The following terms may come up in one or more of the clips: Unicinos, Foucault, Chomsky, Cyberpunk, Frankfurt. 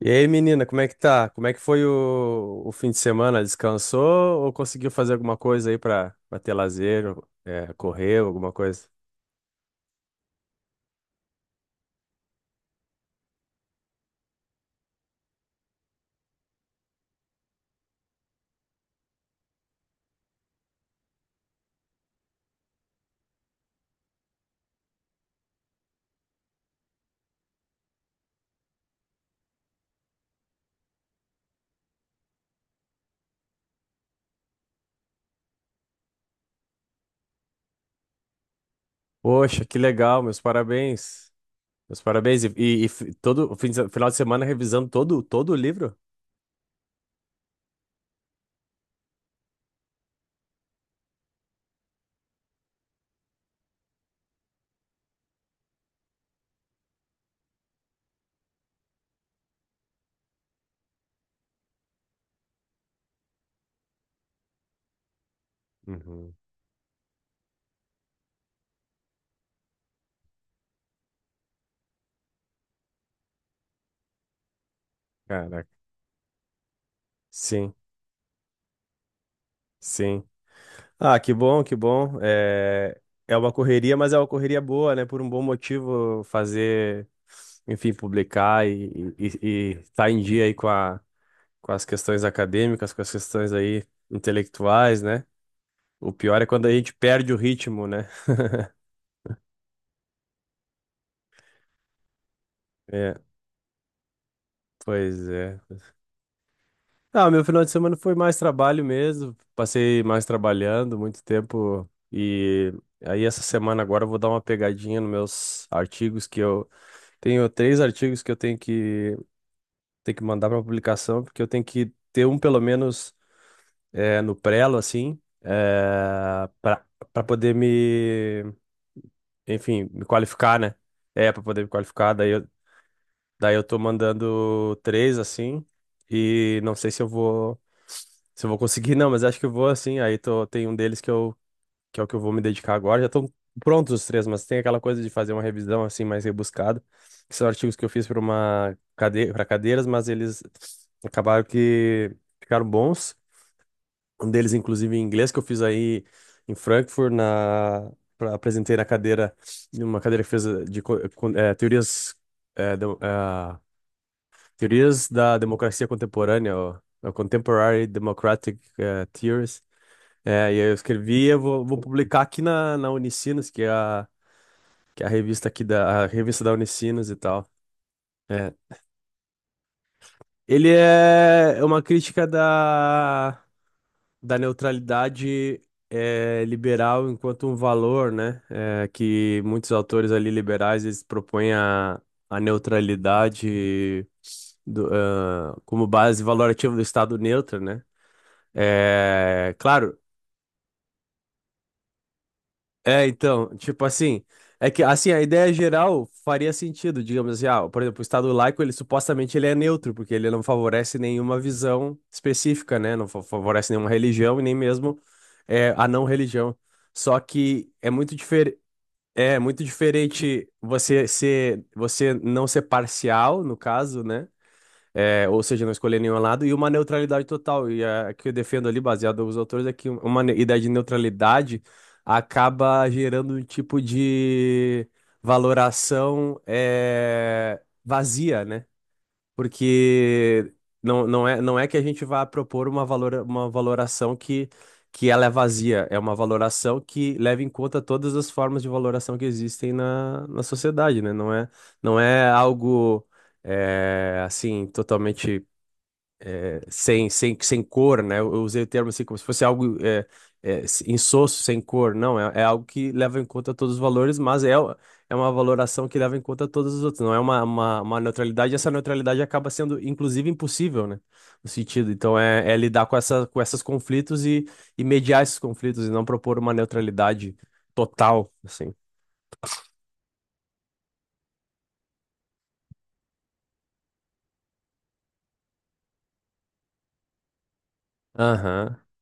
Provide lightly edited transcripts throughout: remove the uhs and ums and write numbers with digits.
E aí, menina, como é que tá? Como é que foi o fim de semana? Descansou ou conseguiu fazer alguma coisa aí pra ter lazer, ou, correr, alguma coisa? Poxa, que legal, meus parabéns. Meus parabéns. Todo o fim de se- final de semana revisando todo o livro? Uhum. Caraca. Sim, sim. Ah, que bom, que bom. É, é uma correria, mas é uma correria boa, né? Por um bom motivo fazer, enfim, publicar e estar em dia aí com a com as questões acadêmicas, com as questões aí intelectuais, né? O pior é quando a gente perde o ritmo, né? É, pois é. Ah, meu final de semana foi mais trabalho mesmo. Passei mais trabalhando, muito tempo. E aí essa semana agora eu vou dar uma pegadinha nos meus artigos que eu tenho três artigos que eu tenho que mandar para publicação, porque eu tenho que ter um pelo menos no prelo assim, para para poder me enfim, me qualificar, né? É, pra poder me qualificar. Daí eu tô mandando três, assim. E não sei se eu vou. Se eu vou conseguir, não, mas acho que eu vou, assim. Aí tô, tem um deles que, eu, que é o que eu vou me dedicar agora. Já estão prontos os três, mas tem aquela coisa de fazer uma revisão, assim, mais rebuscada. Que são artigos que eu fiz pra uma cadeira, para cadeiras, mas eles acabaram que ficaram bons. Um deles, inclusive, em inglês, que eu fiz aí em Frankfurt, na, apresentei na cadeira, numa cadeira que fez de co- eh, con- eh, teorias, eh, demo- ah, teorias da democracia contemporânea, ó, Contemporary Democratic Theories. E aí eu escrevi, vou publicar aqui na Unicinos, que é que é a revista aqui da a revista da Unicinos e tal. É. Ele é é uma crítica da. Da neutralidade liberal enquanto um valor, né? É, que muitos autores ali liberais eles propõem a neutralidade do, ah, como base valorativa do Estado neutro, né? É, claro. É, então, tipo assim, é que assim, a ideia geral faria sentido, digamos assim, ah, por exemplo, o Estado laico, ele supostamente ele é neutro, porque ele não favorece nenhuma visão específica, né? Não fa- favorece nenhuma religião e nem mesmo a não religião. Só que é muito diferente você ser, você não ser parcial, no caso, né? É, ou seja, não escolher nenhum lado, e uma neutralidade total. E a que eu defendo ali, baseado nos autores, é que uma ideia de neutralidade acaba gerando um tipo de valoração vazia, né? Porque não, não é, não é que a gente vá propor uma, uma valoração que ela é vazia, é uma valoração que leva em conta todas as formas de valoração que existem na sociedade, né? Não é, não é algo assim totalmente sem cor, né? Eu usei o termo assim como se fosse algo insosso, sem cor. Não, é, é algo que leva em conta todos os valores, é uma valoração que leva em conta todos os outros. Não é uma neutralidade, e essa neutralidade acaba sendo, inclusive, impossível, né? No sentido. Então, é, é lidar com essa, com esses conflitos e mediar esses conflitos e não propor uma neutralidade total, assim. Aham.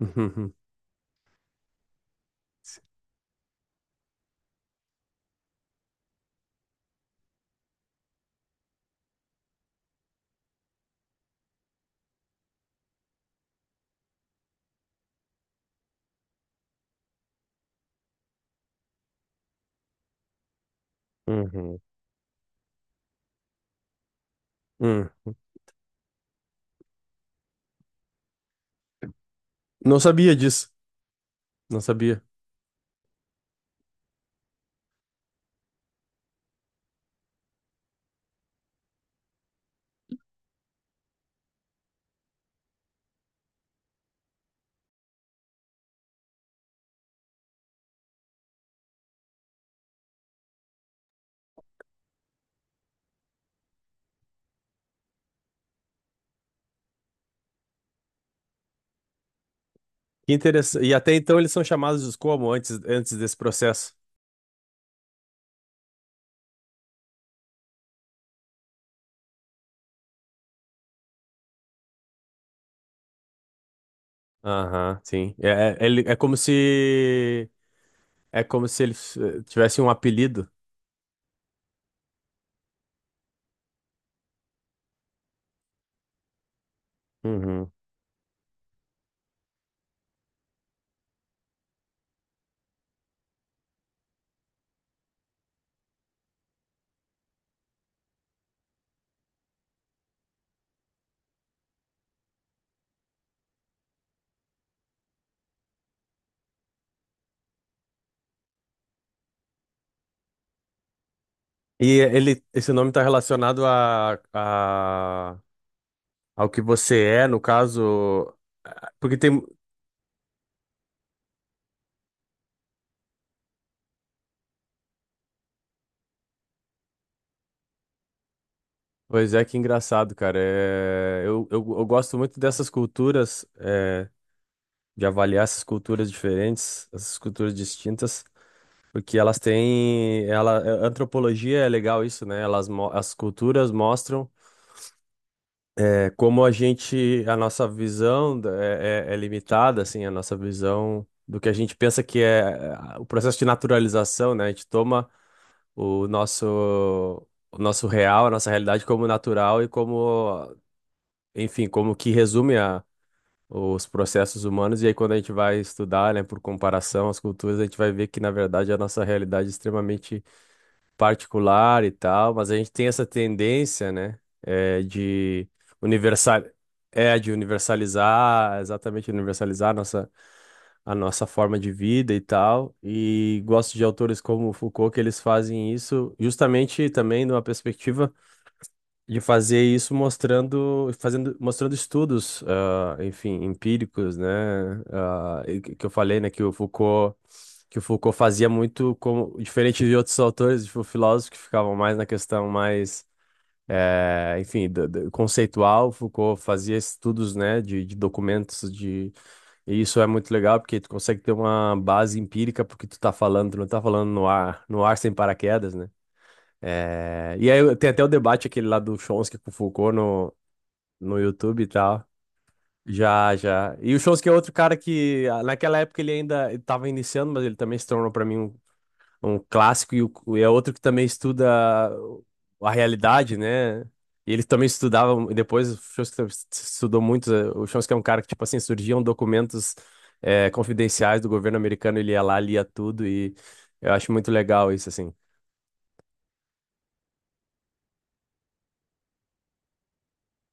Uhum. Uhum. Hum. Não sabia disso. Não sabia. Que interessante. E até então eles são chamados como antes, antes desse processo? Aham, sim. É, é, é como se eles tivessem um apelido. Uhum. E ele, esse nome está relacionado a, ao que você é, no caso. Porque tem. Pois é, que engraçado, cara. É, eu gosto muito dessas culturas, é, de avaliar essas culturas diferentes, essas culturas distintas. Porque elas têm, ela, a antropologia é legal isso, né? Elas, as culturas mostram como a gente, a nossa visão é limitada, assim, a nossa visão do que a gente pensa que é o processo de naturalização, né? A gente toma o nosso, o nosso real, a nossa realidade como natural e como, enfim, como que resume a, os processos humanos. E aí quando a gente vai estudar, né, por comparação às culturas, a gente vai ver que, na verdade, a nossa realidade é extremamente particular e tal, mas a gente tem essa tendência, né, é, de universal, é, de universalizar, exatamente universalizar a nossa forma de vida e tal. E gosto de autores como Foucault que eles fazem isso justamente também numa perspectiva de fazer isso mostrando, fazendo, mostrando estudos, ah, enfim, empíricos, né? Ah, e que eu falei, né, que o Foucault fazia muito como diferente de outros autores, tipo, filósofos que ficavam mais na questão mais enfim, conceitual, Foucault fazia estudos, né, de documentos, de e isso é muito legal porque tu consegue ter uma base empírica porque tu tá falando, tu não tá falando no ar sem paraquedas, né? É, e aí tem até o debate aquele lá do Chomsky com o Foucault no, no YouTube e tal. Já, já. E o Chomsky é outro cara que ah, naquela época ele ainda estava iniciando, mas ele também se tornou para mim um, um clássico e é outro que também estuda a realidade, né? E ele também estudava, e depois o Chomsky estudou muito. O Chomsky é um cara que, tipo assim, surgiam documentos confidenciais do governo americano, ele ia lá, lia tudo e eu acho muito legal isso, assim.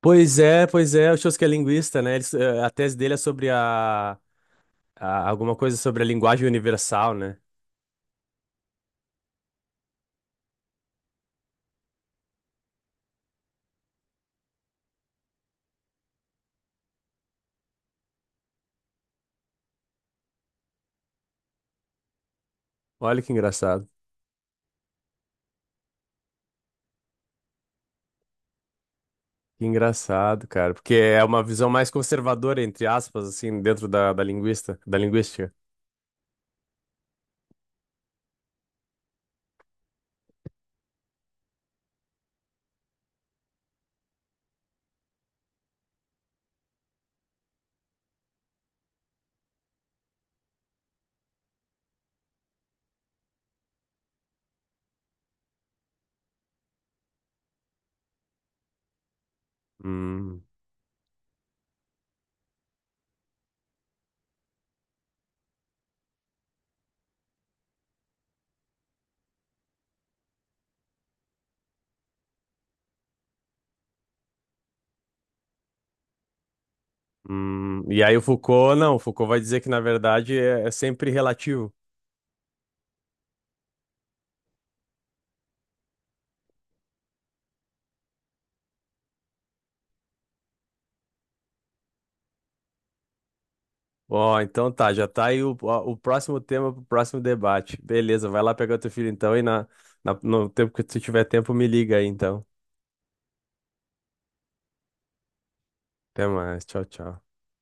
Pois é, o Shows que é linguista, né? Eles, a tese dele é sobre a, alguma coisa sobre a linguagem universal, né? Olha que engraçado. Que engraçado, cara, porque é uma visão mais conservadora, entre aspas, assim, dentro da, da linguista, da linguística. Hum, E aí o Foucault, não, o Foucault vai dizer que, na verdade, é, é sempre relativo. Ó, então tá, já tá aí o próximo tema pro próximo debate. Beleza, vai lá pegar teu filho então e na, no tempo que tu tiver tempo, me liga aí então. Até mais, tchau, tchau.